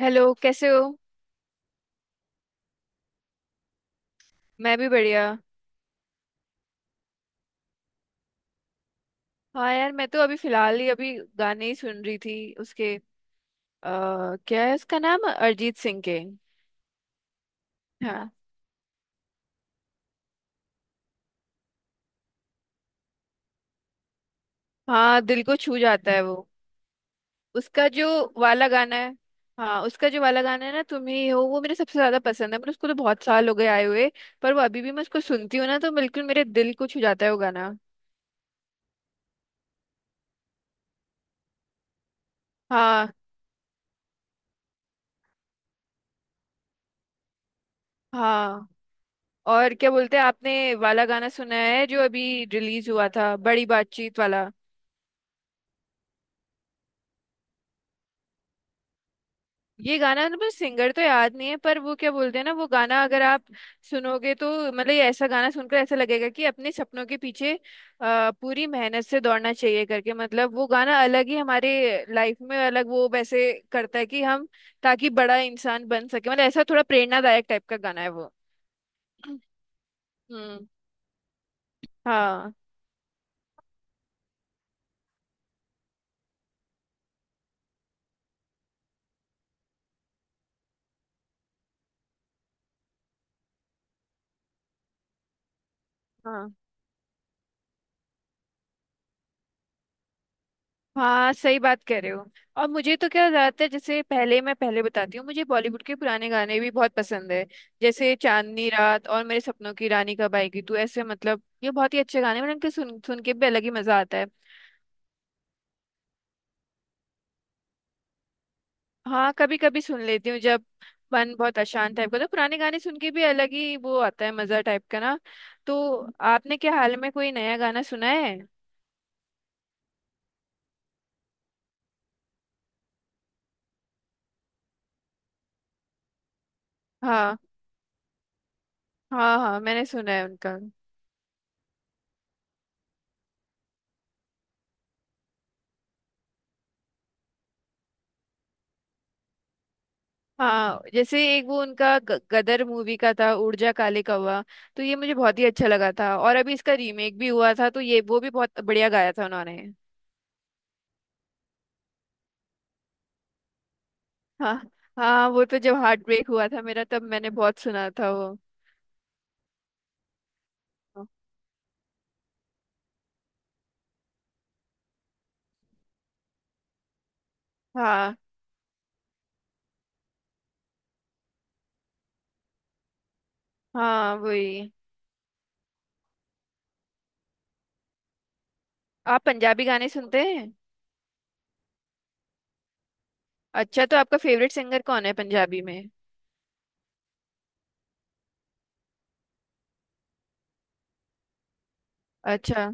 Hello कैसे हो। मैं भी बढ़िया। हाँ यार, मैं तो अभी फिलहाल ही अभी गाने ही सुन रही थी उसके क्या है उसका नाम, अरिजीत सिंह के। हाँ, हाँ दिल को छू जाता है वो। उसका जो वाला गाना है। हाँ उसका जो वाला गाना है ना तुम ही हो, वो मेरे सबसे ज्यादा पसंद है, पर उसको तो बहुत साल हो गए आए हुए। पर वो अभी भी मैं उसको सुनती हूँ ना तो बिल्कुल मेरे दिल को छू जाता है वो गाना। हाँ। हाँ और क्या बोलते हैं, आपने वाला गाना सुना है जो अभी रिलीज हुआ था, बड़ी बातचीत वाला? ये गाना ना, पर सिंगर तो याद नहीं है, पर वो क्या बोलते हैं ना, वो गाना अगर आप सुनोगे तो मतलब ये, ऐसा गाना सुनकर ऐसा लगेगा कि अपने सपनों के पीछे पूरी मेहनत से दौड़ना चाहिए करके। मतलब वो गाना अलग ही, हमारे लाइफ में अलग वो वैसे करता है कि हम ताकि बड़ा इंसान बन सके। मतलब ऐसा थोड़ा प्रेरणादायक टाइप का गाना है वो। हम्म। हाँ। हाँ, हाँ सही बात कह रहे हो। और मुझे तो क्या ज्यादातर, जैसे पहले मैं पहले बताती हूँ, मुझे बॉलीवुड के पुराने गाने भी बहुत पसंद है। जैसे चांदनी रात और मेरे सपनों की रानी कब आएगी तू, ऐसे। मतलब ये बहुत ही अच्छे गाने हैं, मतलब इनके सुन सुन के भी अलग ही मजा आता है। हाँ कभी कभी सुन लेती हूँ जब मन बहुत अशांत टाइप का, तो पुराने गाने सुन के भी अलग ही वो आता है मजा टाइप का ना। तो आपने क्या हाल में कोई नया गाना सुना है? हाँ। हाँ, हाँ मैंने सुना है उनका। हाँ जैसे एक वो उनका गदर मूवी का था, उड़ जा काले कौवा। तो ये मुझे बहुत ही अच्छा लगा था, और अभी इसका रीमेक भी हुआ था तो ये वो भी बहुत बढ़िया गाया था उन्होंने। हाँ। हाँ वो तो जब हार्ट ब्रेक हुआ था मेरा, तब मैंने बहुत सुना था वो। हाँ। हाँ वही। आप पंजाबी गाने सुनते हैं? अच्छा, तो आपका फेवरेट सिंगर कौन है पंजाबी में? अच्छा।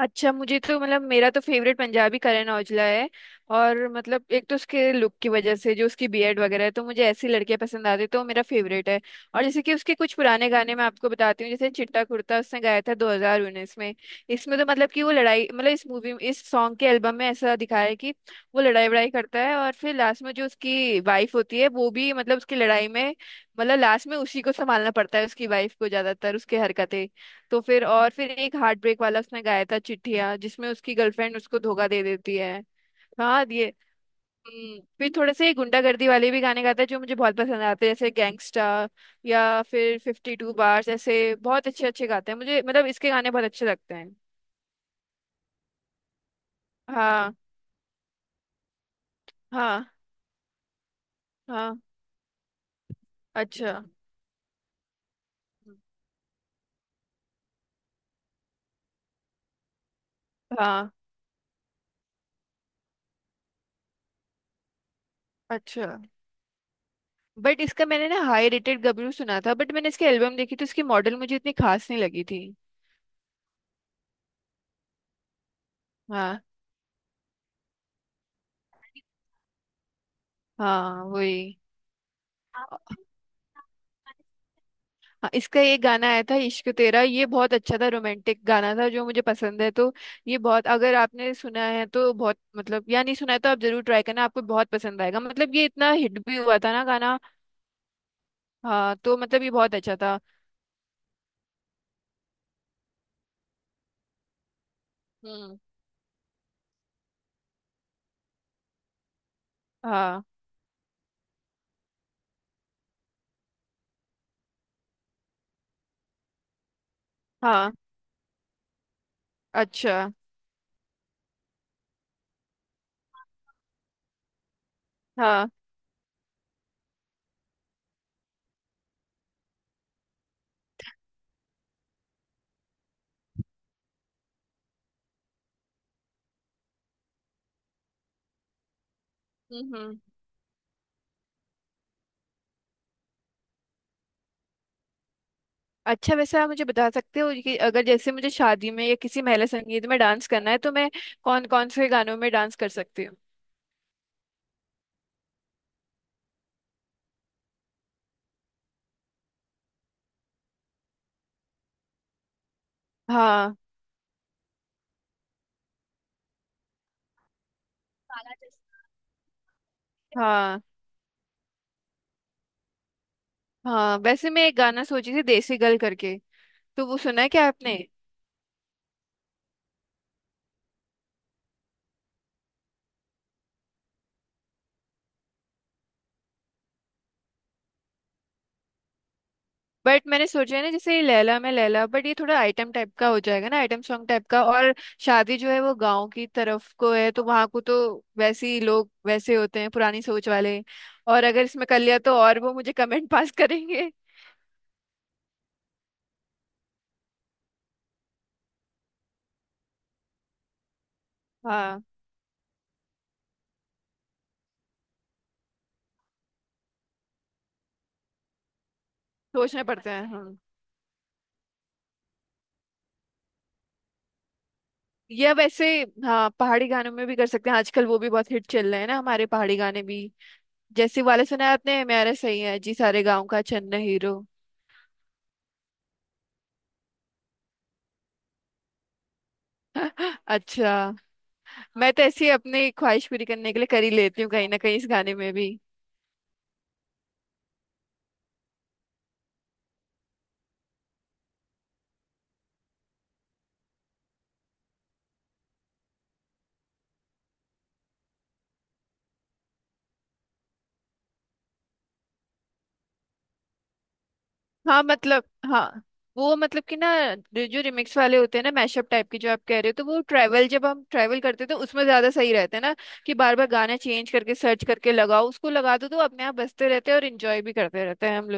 अच्छा मुझे तो, मतलब मेरा तो फेवरेट पंजाबी करण औजला है। और मतलब एक तो उसके लुक की वजह से, जो उसकी बीएड वगैरह है, तो मुझे ऐसी लड़कियां पसंद आती है, तो वो मेरा फेवरेट है। और जैसे कि उसके कुछ पुराने गाने मैं आपको बताती हूँ, जैसे चिट्टा कुर्ता, उसने गाया था 2019 में। इसमें तो मतलब कि वो लड़ाई, मतलब इस मूवी में, इस सॉन्ग के एल्बम में ऐसा दिखाया है कि वो लड़ाई वड़ाई करता है, और फिर लास्ट में जो उसकी वाइफ होती है, वो भी मतलब उसकी लड़ाई में, मतलब लास्ट में उसी को संभालना पड़ता है उसकी वाइफ को, ज्यादातर उसके हरकतें। तो फिर, और फिर एक हार्ट ब्रेक वाला उसने गाया था चिट्ठिया, जिसमें उसकी गर्लफ्रेंड उसको धोखा दे देती है। हाँ ये। फिर थोड़े से गुंडागर्दी वाले भी गाने गाता है जो मुझे बहुत पसंद आते हैं, जैसे गैंगस्टा, या फिर फिफ्टी टू बार्स। ऐसे बहुत अच्छे अच्छे गाते हैं, मुझे मतलब इसके गाने बहुत अच्छे लगते हैं। हाँ। हाँ। हाँ। अच्छा। हाँ। अच्छा। बट इसका मैंने ना हाई रेटेड गबरू सुना था, बट मैंने इसकी एल्बम देखी तो इसकी मॉडल मुझे इतनी खास नहीं लगी थी। हाँ। हाँ वही। हाँ इसका एक गाना आया था इश्क तेरा, ये बहुत अच्छा था, रोमांटिक गाना था, जो मुझे पसंद है। तो ये बहुत, अगर आपने सुना है तो बहुत मतलब, या नहीं सुना है तो आप जरूर ट्राई करना, आपको बहुत पसंद आएगा। मतलब ये इतना हिट भी हुआ था ना गाना। हाँ तो मतलब ये बहुत अच्छा था। हम्म। हाँ। हाँ। अच्छा। हाँ। हम्म। हम्म। अच्छा वैसे आप मुझे बता सकते हो कि अगर जैसे मुझे शादी में या किसी महिला संगीत में डांस करना है तो मैं कौन कौन से गानों में डांस कर सकती हूँ? हाँ। हाँ। हाँ वैसे मैं एक गाना सोची थी, देसी गर्ल करके, तो वो सुना है क्या आपने? बट मैंने सोचा है ना, जैसे ये लैला में लैला, बट ये थोड़ा आइटम टाइप का हो जाएगा ना, आइटम सॉन्ग टाइप का। और शादी जो है वो गांव की तरफ को है, तो वहां को तो वैसे ही लोग वैसे होते हैं, पुरानी सोच वाले। और अगर इसमें कर लिया तो, और वो मुझे कमेंट पास करेंगे। हाँ सोचना पड़ता है। हाँ या वैसे, हाँ पहाड़ी गानों में भी कर सकते हैं, आजकल वो भी बहुत हिट चल रहे हैं ना हमारे पहाड़ी गाने भी। जैसे वाले सुना है आपने, मेरा सही है जी सारे गाँव का चन्न हीरो? अच्छा। मैं तो ऐसी अपनी ख्वाहिश पूरी करने के लिए कर ही लेती हूँ, कहीं ना कहीं इस गाने में भी। हाँ मतलब। हाँ। वो मतलब कि ना, जो जो रिमिक्स वाले होते हैं ना, मैशअप टाइप के, जो आप कह रहे हो, तो वो ट्रैवल, जब हम ट्रैवल करते हैं तो उसमें ज्यादा सही रहता है ना, कि बार बार गाना चेंज करके, सर्च करके लगाओ, उसको लगा दो तो अपने आप बजते रहते हैं, और इंजॉय भी करते रहते हैं हम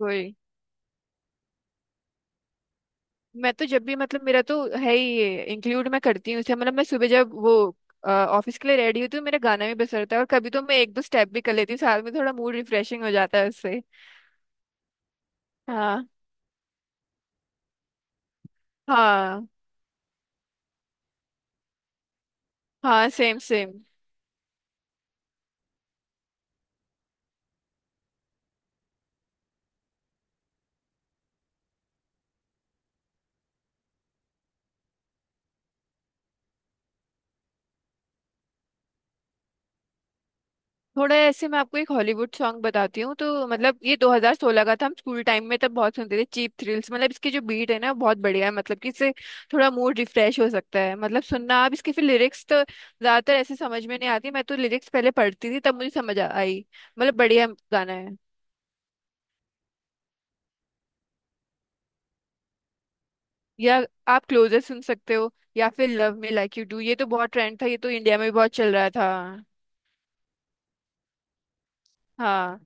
लोग। मैं तो जब भी, मतलब मेरा तो है ही ये इंक्लूड मैं करती हूँ इसे, मतलब मैं सुबह जब वो ऑफिस के लिए रेडी होती हूँ, मेरा गाना भी बज रहता है, और कभी तो मैं एक दो स्टेप भी कर लेती हूँ साथ में, थोड़ा मूड रिफ्रेशिंग हो जाता है उससे। हाँ। हाँ। हाँ सेम सेम। थोड़ा ऐसे मैं आपको एक हॉलीवुड सॉन्ग बताती हूँ, तो मतलब ये 2016 का था, हम स्कूल टाइम में तब बहुत सुनते थे, चीप थ्रिल्स। मतलब इसकी जो बीट है ना, वो बहुत बढ़िया है, मतलब कि इससे थोड़ा मूड रिफ्रेश हो सकता है। मतलब सुनना आप इसके, फिर लिरिक्स तो ज्यादातर ऐसे समझ में नहीं आती, मैं तो लिरिक्स पहले पढ़ती थी तब मुझे समझ आई। मतलब बढ़िया गाना है। या आप क्लोजर सुन सकते हो, या फिर love me like you do, ये तो बहुत ट्रेंड था, ये तो इंडिया में भी बहुत चल रहा था। हाँ।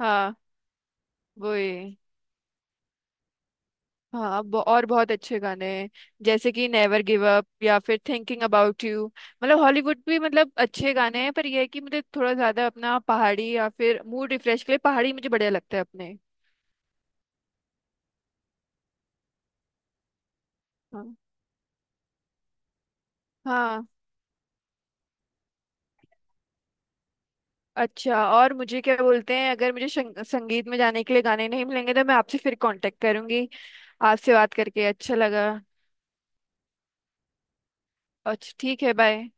हाँ वो ही। हाँ और बहुत अच्छे गाने हैं, जैसे कि नेवर गिव अप, या फिर थिंकिंग अबाउट यू। मतलब हॉलीवुड भी मतलब अच्छे गाने हैं, पर यह है कि मुझे थोड़ा ज्यादा अपना पहाड़ी, या फिर मूड रिफ्रेश के लिए पहाड़ी मुझे बढ़िया लगता है अपने। हाँ। हाँ। अच्छा और मुझे क्या बोलते हैं, अगर मुझे संगीत में जाने के लिए गाने नहीं मिलेंगे तो मैं आपसे फिर कांटेक्ट करूंगी। आपसे बात करके अच्छा लगा। अच्छा ठीक है, बाय।